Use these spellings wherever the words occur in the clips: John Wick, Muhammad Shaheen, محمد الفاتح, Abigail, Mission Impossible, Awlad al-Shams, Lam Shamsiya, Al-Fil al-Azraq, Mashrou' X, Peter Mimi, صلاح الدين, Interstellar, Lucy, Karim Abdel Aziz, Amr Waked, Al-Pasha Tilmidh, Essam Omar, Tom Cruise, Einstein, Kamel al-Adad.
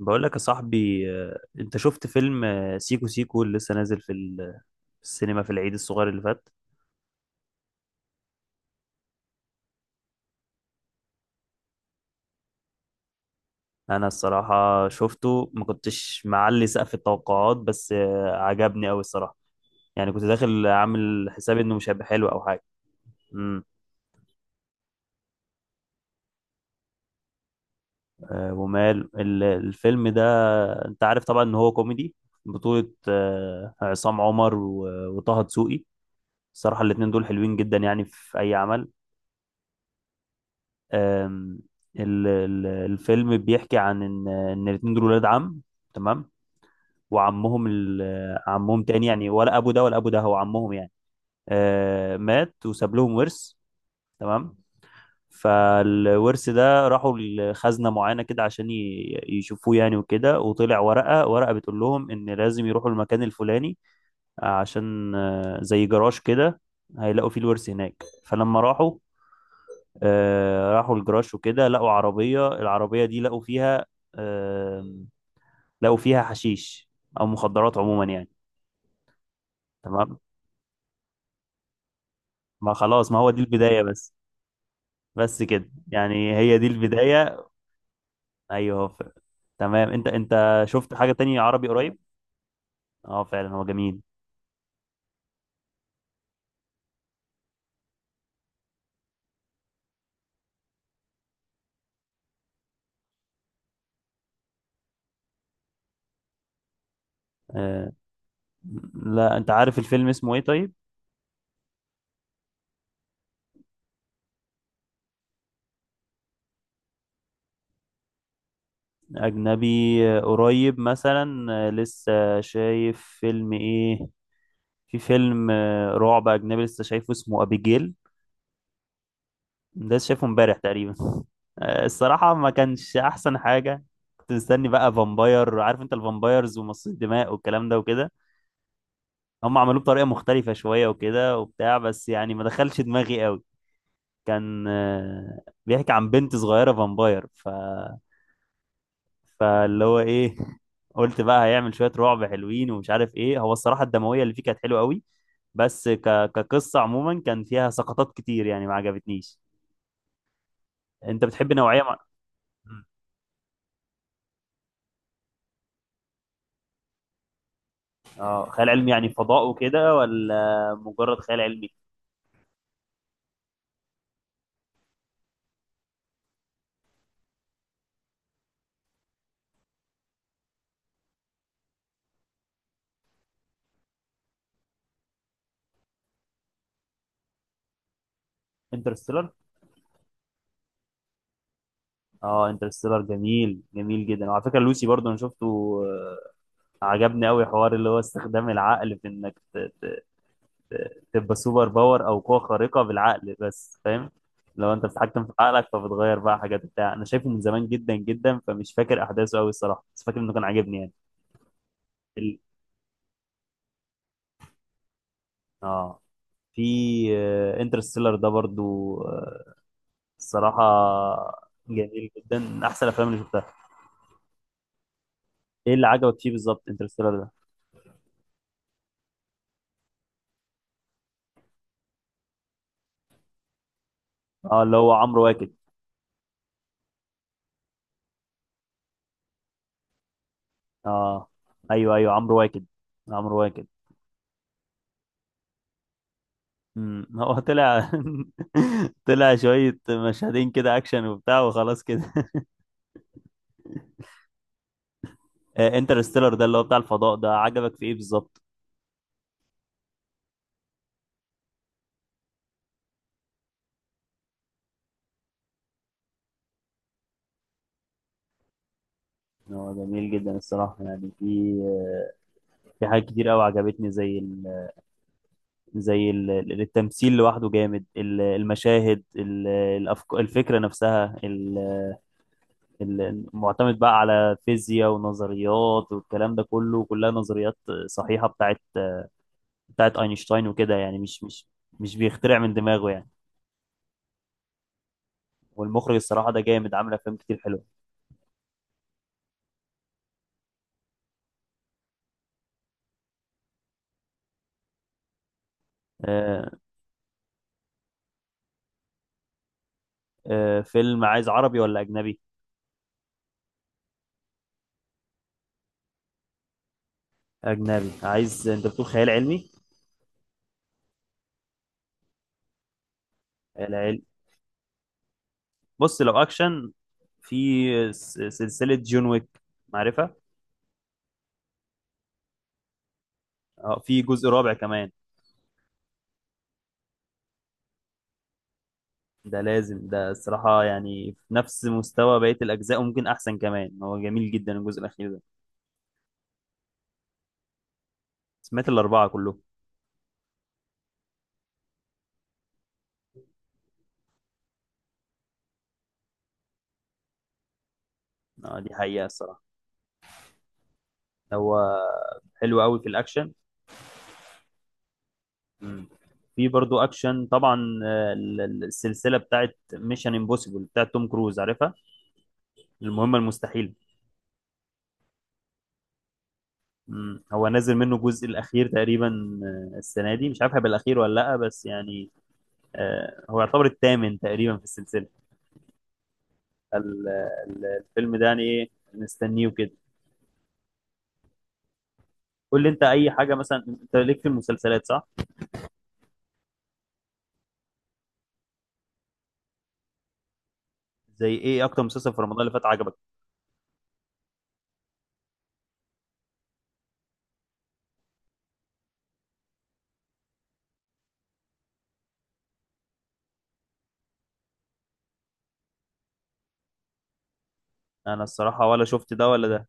بقول لك يا صاحبي انت شفت فيلم سيكو سيكو اللي لسه نازل في السينما في العيد الصغير اللي فات. انا الصراحة شفته ما كنتش معلي سقف التوقعات، بس عجبني قوي الصراحة. يعني كنت داخل عامل حسابي انه مش هيبقى حلو او حاجة. امم ومال الفيلم ده، انت عارف طبعا ان هو كوميدي، بطولة عصام عمر وطه دسوقي. الصراحة الاتنين دول حلوين جدا يعني في اي عمل. آم، الفيلم بيحكي عن ان الاتنين دول ولاد عم، تمام، وعمهم عمهم تاني يعني، ولا ابو ده ولا ابو ده هو عمهم يعني. مات وساب لهم ورث، تمام. فالورث ده راحوا لخزنة معينة كده عشان يشوفوه يعني وكده، وطلع ورقة، ورقة بتقول لهم ان لازم يروحوا المكان الفلاني، عشان زي جراج كده هيلاقوا فيه الورث هناك. فلما راحوا، راحوا الجراج وكده، لقوا عربية، العربية دي لقوا فيها، آم، لقوا فيها حشيش أو مخدرات عموما يعني. تمام، ما خلاص، ما هو دي البداية بس. بس كده يعني هي دي البداية. أيوه ف... تمام. أنت شفت حاجة تانية عربي قريب؟ أه فعلا، هو جميل. آه، لا، أنت عارف الفيلم اسمه إيه طيب؟ أجنبي. قريب مثلا، لسه شايف فيلم إيه؟ في فيلم رعب أجنبي لسه شايفه اسمه أبيجيل. ده شايفه امبارح تقريبا. الصراحة ما كانش أحسن حاجة. كنت مستني بقى فامباير، عارف أنت الفامبايرز ومصاص الدماء والكلام ده وكده. هم عملوه بطريقة مختلفة شوية وكده وبتاع، بس يعني ما دخلش دماغي قوي. كان بيحكي عن بنت صغيرة فامباير، ف فاللي هو إيه قلت بقى هيعمل شوية رعب حلوين ومش عارف إيه. هو الصراحة الدموية اللي فيه كانت حلوة قوي، بس كقصة عموما كان فيها سقطات كتير يعني ما عجبتنيش. أنت بتحب نوعية مع... اه، خيال علمي يعني فضاء وكده ولا مجرد خيال علمي؟ انترستيلر. اه، انترستيلر جميل، جميل جدا. وعلى فكره لوسي برضو انا شفته. آه، عجبني قوي، حوار اللي هو استخدام العقل في انك تبقى سوبر باور او قوه خارقه بالعقل بس، فاهم؟ لو انت بتتحكم في عقلك فبتغير بقى حاجات بتاع انا شايفه من زمان جدا جدا، فمش فاكر احداثه قوي الصراحه، بس فاكر انه كان عاجبني يعني. ال... اه. في انترستيلر ده برضو، الصراحة جميل جدا، من أحسن الأفلام اللي شفتها. إيه اللي عجبك فيه بالظبط انترستيلر ده؟ أه، اللي هو عمرو واكد. أه، أيوه أيوه، عمرو واكد، عمرو واكد. امم، هو طلع طلع شوية مشهدين كده أكشن وبتاع، وخلاص كده. انترستيلر ده اللي هو بتاع الفضاء ده عجبك في إيه بالظبط؟ هو جميل جدا الصراحة يعني. في في حاجات كتير قوي عجبتني، زي التمثيل لوحده جامد، المشاهد، الفكرة نفسها، معتمد بقى على فيزياء ونظريات والكلام ده كله، كلها نظريات صحيحة بتاعت، بتاعت أينشتاين وكده، يعني مش بيخترع من دماغه يعني. والمخرج الصراحة ده جامد، عامل أفلام كتير حلوة. آه. فيلم عايز عربي ولا أجنبي؟ أجنبي عايز. أنت بتقول خيال علمي؟ خيال علمي. بص، لو أكشن، في سلسلة جون ويك، معرفة؟ اه، في جزء رابع كمان، ده لازم، ده الصراحة يعني في نفس مستوى بقية الأجزاء وممكن أحسن كمان، هو جميل جدا الجزء الأخير ده. سمعت الأربعة كلهم. آه، دي حقيقة الصراحة. هو حلو قوي في الأكشن. مم. في برضو أكشن طبعا، السلسلة بتاعت ميشن امبوسيبل بتاعت توم كروز، عارفها؟ المهمة المستحيلة. مم. هو نازل منه الجزء الأخير تقريبا، السنة دي، مش عارف هيبقى الأخير ولا لأ بس يعني، هو يعتبر الثامن تقريبا في السلسلة. ال- الفيلم ده يعني إيه، نستنيه كده. قول لي انت اي حاجه مثلا، انت ليك في المسلسلات صح؟ زي ايه، اكتر مسلسل في رمضان اللي فات عجبك؟ انا الصراحه ولا شفت ده ولا ده.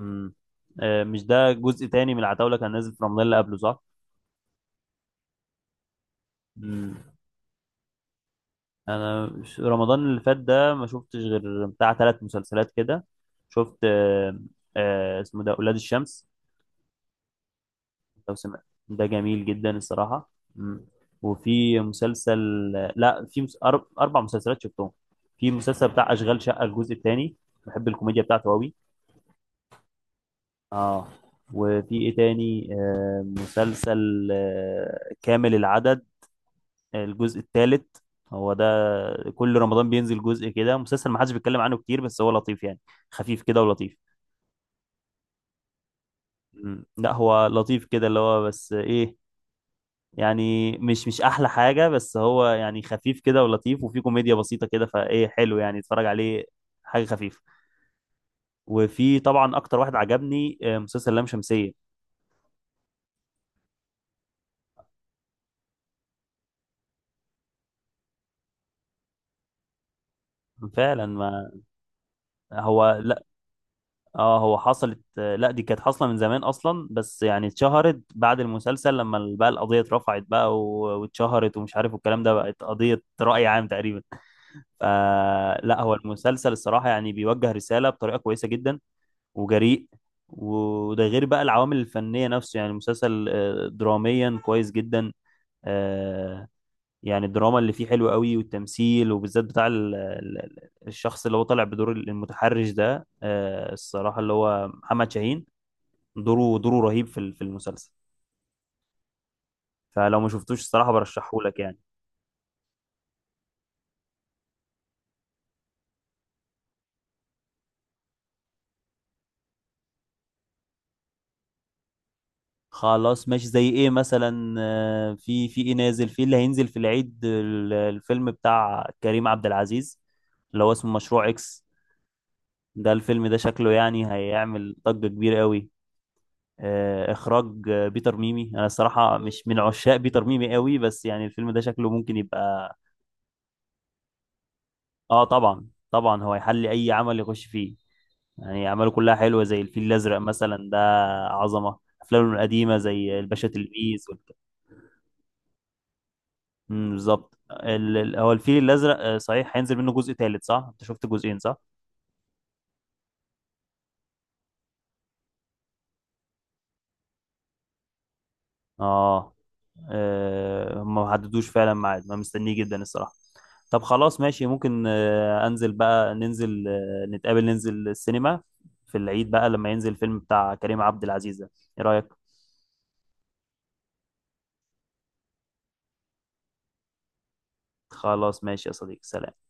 امم. آه مش ده جزء تاني من العتاوله كان نازل في رمضان اللي قبله صح؟ امم. انا مش، رمضان اللي فات ده ما شفتش غير بتاع ثلاث مسلسلات كده. شفت آه، آه اسمه ده اولاد الشمس، لو سمعت ده جميل جدا الصراحه. امم. وفي مسلسل، لا في اربع مسلسلات شفتهم. في مسلسل بتاع اشغال شقه الجزء الثاني، بحب الكوميديا بتاعته قوي. اه. وفي ايه تاني، آه مسلسل آه كامل العدد الجزء الثالث، هو ده. كل رمضان بينزل جزء كده، مسلسل ما حدش بيتكلم عنه كتير بس هو لطيف يعني، خفيف كده ولطيف. مم. لا هو لطيف كده، اللي هو بس ايه، يعني مش مش احلى حاجة، بس هو يعني خفيف كده ولطيف، وفي كوميديا بسيطة كده، فايه حلو يعني اتفرج عليه حاجة خفيفة. وفي طبعا اكتر واحد عجبني مسلسل لام شمسية. فعلا، ما هو، اه هو حصلت لا دي كانت حاصله من زمان اصلا، بس يعني اتشهرت بعد المسلسل لما بقى القضيه اترفعت بقى واتشهرت ومش عارف والكلام ده، بقت قضيه راي عام تقريبا. فلا، هو المسلسل الصراحه يعني بيوجه رساله بطريقه كويسه جدا، وجريء. وده غير بقى العوامل الفنيه نفسه، يعني المسلسل دراميا كويس جدا، آه، يعني الدراما اللي فيه حلوه قوي، والتمثيل وبالذات بتاع الشخص اللي هو طالع بدور المتحرش ده، الصراحه اللي هو محمد شاهين، دوره رهيب في في المسلسل. فلو ما شفتوش الصراحة برشحه لك يعني. خلاص ماشي، زي ايه مثلا، في في ايه نازل، في اللي هينزل في العيد الفيلم بتاع كريم عبد العزيز اللي هو اسمه مشروع اكس. ده الفيلم ده شكله يعني هيعمل ضجة كبيرة قوي. اخراج بيتر ميمي، انا الصراحة مش من عشاق بيتر ميمي قوي، بس يعني الفيلم ده شكله ممكن يبقى. اه طبعا طبعا، هو يحل اي عمل يخش فيه، يعني أعماله كلها حلوة زي الفيل الأزرق مثلا ده، عظمة. أفلامه القديمة زي الباشا تلميذ مم، بالظبط. هو الفيل الأزرق صحيح هينزل منه جزء تالت صح؟ أنت شفت جزئين صح؟ آه. هم ما حددوش فعلا ميعاد، ما مستنيه جدا الصراحة. طب خلاص ماشي، ممكن أنزل بقى، ننزل نتقابل، ننزل السينما في العيد بقى لما ينزل الفيلم بتاع كريم عبد العزيز ده. إيه رأيك؟ خلاص ماشي يا صديقي، سلام.